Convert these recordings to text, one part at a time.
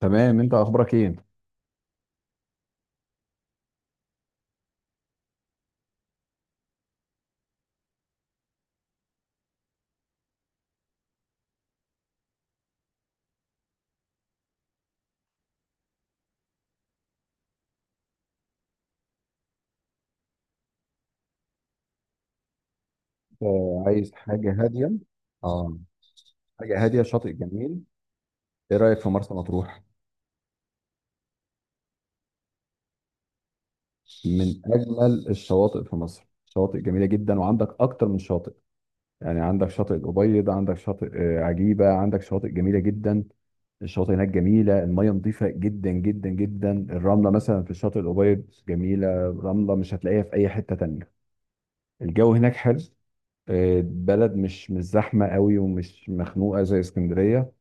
تمام، انت اخبارك ايه؟ عايز حاجة هادية. اه، حاجة هادية، شاطئ جميل. ايه رأيك في مرسى مطروح؟ من اجمل الشواطئ في مصر، شواطئ جميلة جدا وعندك اكتر من شاطئ. يعني عندك شاطئ الأبيض، عندك شاطئ عجيبة، عندك شواطئ جميلة جدا. الشواطئ هناك جميلة، المية نظيفة جدا جدا جدا، الرملة مثلا في الشاطئ الأبيض جميلة. رملة مش هتلاقيها في أي حتة تانية. الجو هناك حلو. بلد مش زحمة قوي ومش مخنوقة زي اسكندرية.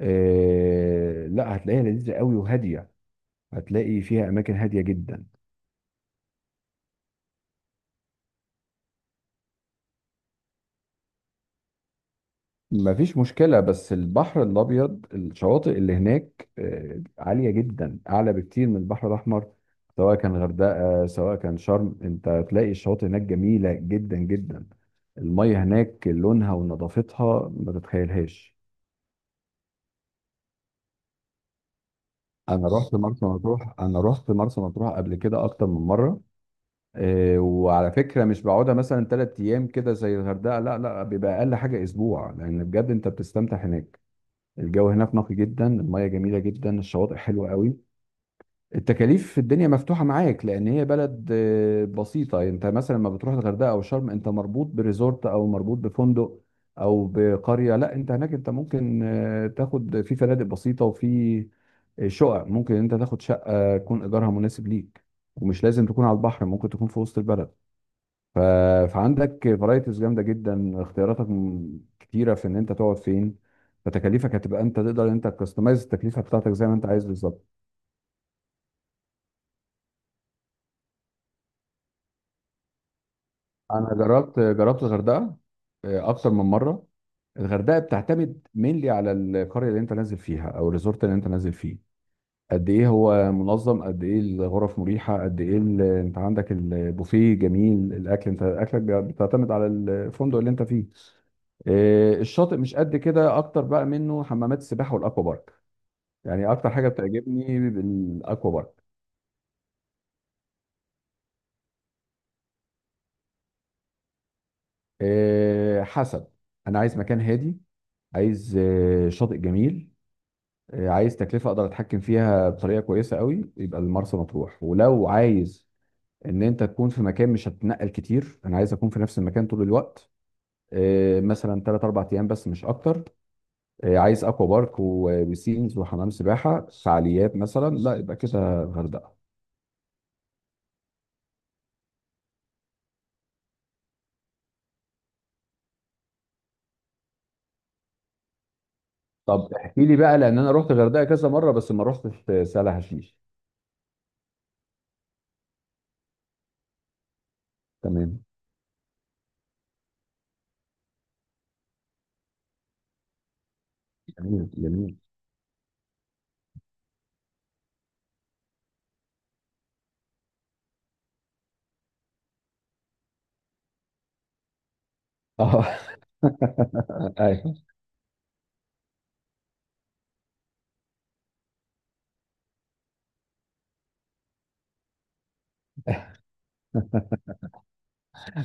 آه، لا هتلاقيها لذيذة قوي وهادية. هتلاقي فيها أماكن هادية جدا. مفيش مشكلة، بس البحر الأبيض الشواطئ اللي هناك عالية جدا، أعلى بكتير من البحر الأحمر. سواء كان غردقة سواء كان شرم، أنت هتلاقي الشواطئ هناك جميلة جدا جدا. المية هناك لونها ونظافتها ما تتخيلهاش. أنا رحت مرسى مطروح قبل كده أكتر من مرة. إيه، وعلى فكره مش بقعدها مثلا ثلاث ايام كده زي الغردقه، لا لا، بيبقى اقل حاجه اسبوع، لان بجد انت بتستمتع هناك. الجو هناك نقي جدا، الميه جميله جدا، الشواطئ حلوه قوي. التكاليف في الدنيا مفتوحه معاك، لان هي بلد بسيطه. انت مثلا لما بتروح الغردقه او شرم، انت مربوط بريزورت او مربوط بفندق او بقريه. لا، انت هناك انت ممكن تاخد في فنادق بسيطه، وفي شقق، ممكن انت تاخد شقه يكون ايجارها مناسب ليك. ومش لازم تكون على البحر، ممكن تكون في وسط البلد. فعندك فرايتيز جامده جدا، اختياراتك كتيره في ان انت تقعد فين. فتكاليفك هتبقى انت تقدر انت تكستمايز التكلفه بتاعتك زي ما انت عايز بالظبط. انا جربت الغردقه، آه، اكتر من مره. الغردقه بتعتمد مينلي على القريه اللي انت نازل فيها او الريزورت اللي انت نازل فيه. قد ايه هو منظم، قد ايه الغرف مريحه، قد ايه انت عندك البوفيه جميل، الاكل انت اكلك بيعتمد على الفندق اللي انت فيه. الشاطئ مش قد كده، اكتر بقى منه حمامات السباحه والاكوا بارك. يعني اكتر حاجه بتعجبني الاكوا بارك. آه، حسب. انا عايز مكان هادي، عايز شاطئ جميل، عايز تكلفه اقدر اتحكم فيها بطريقه كويسه قوي، يبقى المرسى مطروح. ولو عايز ان انت تكون في مكان مش هتتنقل كتير، انا عايز اكون في نفس المكان طول الوقت، مثلا 3 4 ايام بس مش اكتر، عايز اكوا بارك وبيسينز وحمام سباحه فعاليات مثلا، لا يبقى كده الغردقه. طب احكي لي بقى، لان انا رحت الغردقه كذا مره بس ما رحتش سهل حشيش. تمام. جميل جميل. اه. ايوه.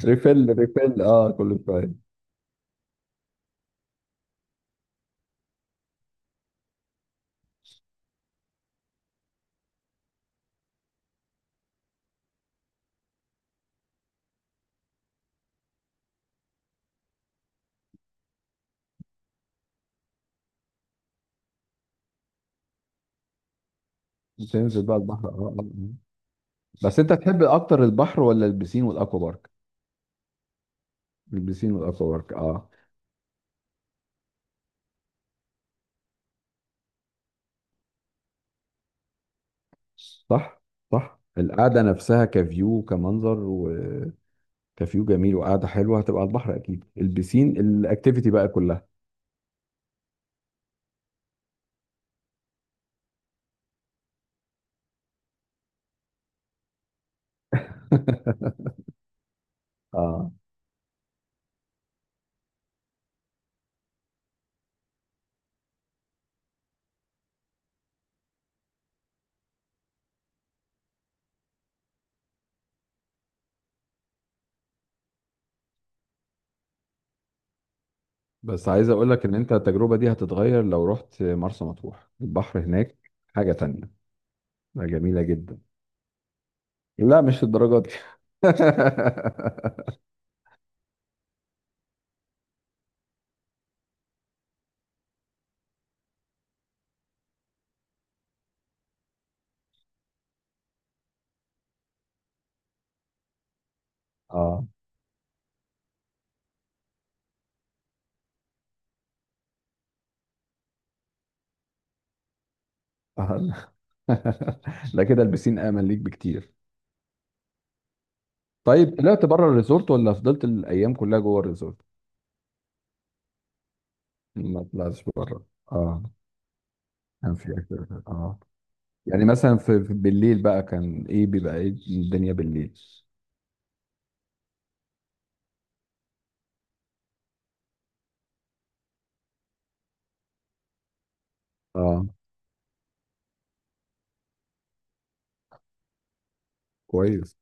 ريفيل، اه كل شويه. تنزل بقى البحر، اه، آه، آه. بس انت تحب اكتر البحر ولا البسين والاكوا بارك؟ البسين والاكوا بارك، اه. صح صح، القعده نفسها كفيو، كمنظر وكفيو جميل، وقعده حلوه هتبقى على البحر. اكيد البسين الاكتيفيتي بقى كلها. اه. بس عايز اقول لك ان انت التجربة دي هتتغير لو رحت مرسى مطروح، البحر هناك حاجة تانية. لا، جميلة جدا. لا مش الدرجات دي. اه، آه. لا كده البسين امن ليك بكتير. طيب طلعت بره الريزورت ولا فضلت الايام كلها جوه الريزورت؟ ما طلعتش بره؟ اه. كان في أكتر. اه. يعني مثلا في بالليل بقى كان ايه، بيبقى ايه الدنيا بالليل؟ اه. كويس.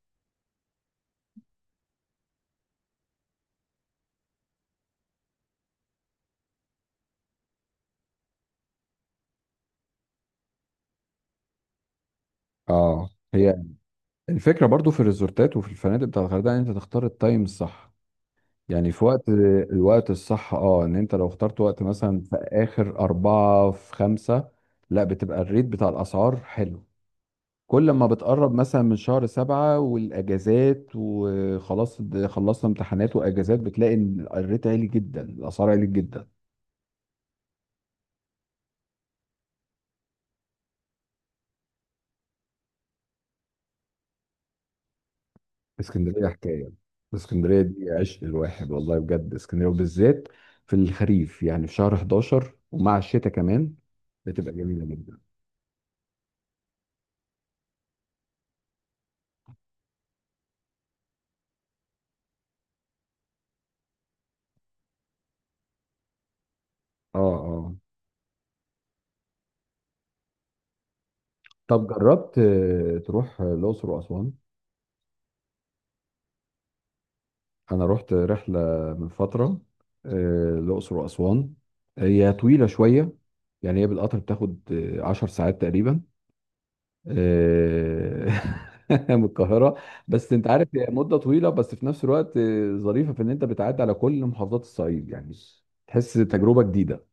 اه. هي الفكرة برضو في الريزورتات وفي الفنادق بتاع الغردقة ان انت تختار التايم الصح. يعني في وقت. الوقت الصح، اه، ان انت لو اخترت وقت مثلا في اخر 4 في 5. لا بتبقى الريت بتاع الاسعار حلو. كل ما بتقرب مثلا من شهر 7 والاجازات وخلاص، خلصنا امتحانات واجازات، بتلاقي ان الريت عالي جدا، الاسعار عالي جدا. اسكندريه حكايه. اسكندريه دي عشق الواحد، والله بجد اسكندريه، وبالذات في الخريف، يعني في شهر 11 ومع الشتاء كمان، بتبقى جميله جدا. اه. اه. طب جربت تروح الاقصر واسوان؟ انا رحت رحله من فتره، الاقصر واسوان. هي طويله شويه، يعني هي بالقطر بتاخد 10 ساعات تقريبا، آه، من القاهرة. بس انت عارف هي مدة طويلة، بس في نفس الوقت ظريفة في ان انت بتعدي على كل محافظات الصعيد، يعني تحس تجربة جديدة.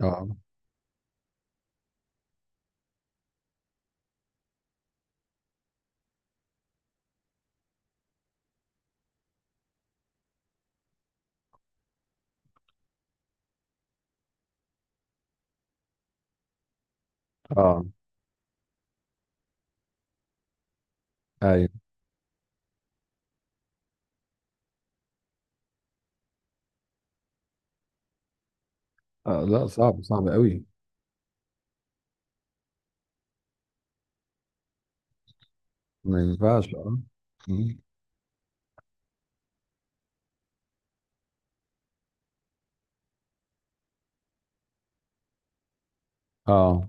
اه. اه. ايوه. آه لا، صعب صعب قوي. ما ينفعش، اه. مم. اه.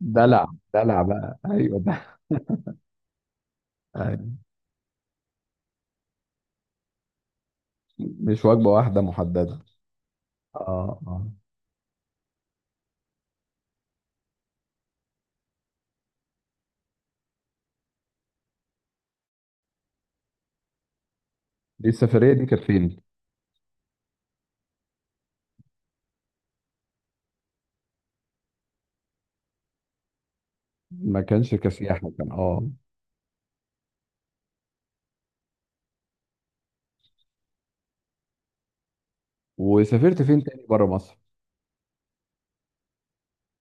دلع، دلع بقى، ايوه ده. ايوه. مش وجبة واحدة محددة؟ اه. اه. دي السفرية دي كانت فين؟ ما كانش كسياحة كان، اه. وسافرت فين تاني بره مصر؟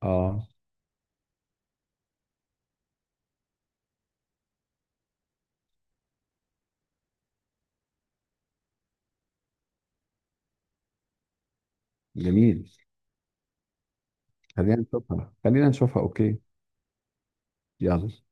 اه. جميل. خلينا نشوفها، خلينا نشوفها. اوكي. يلا.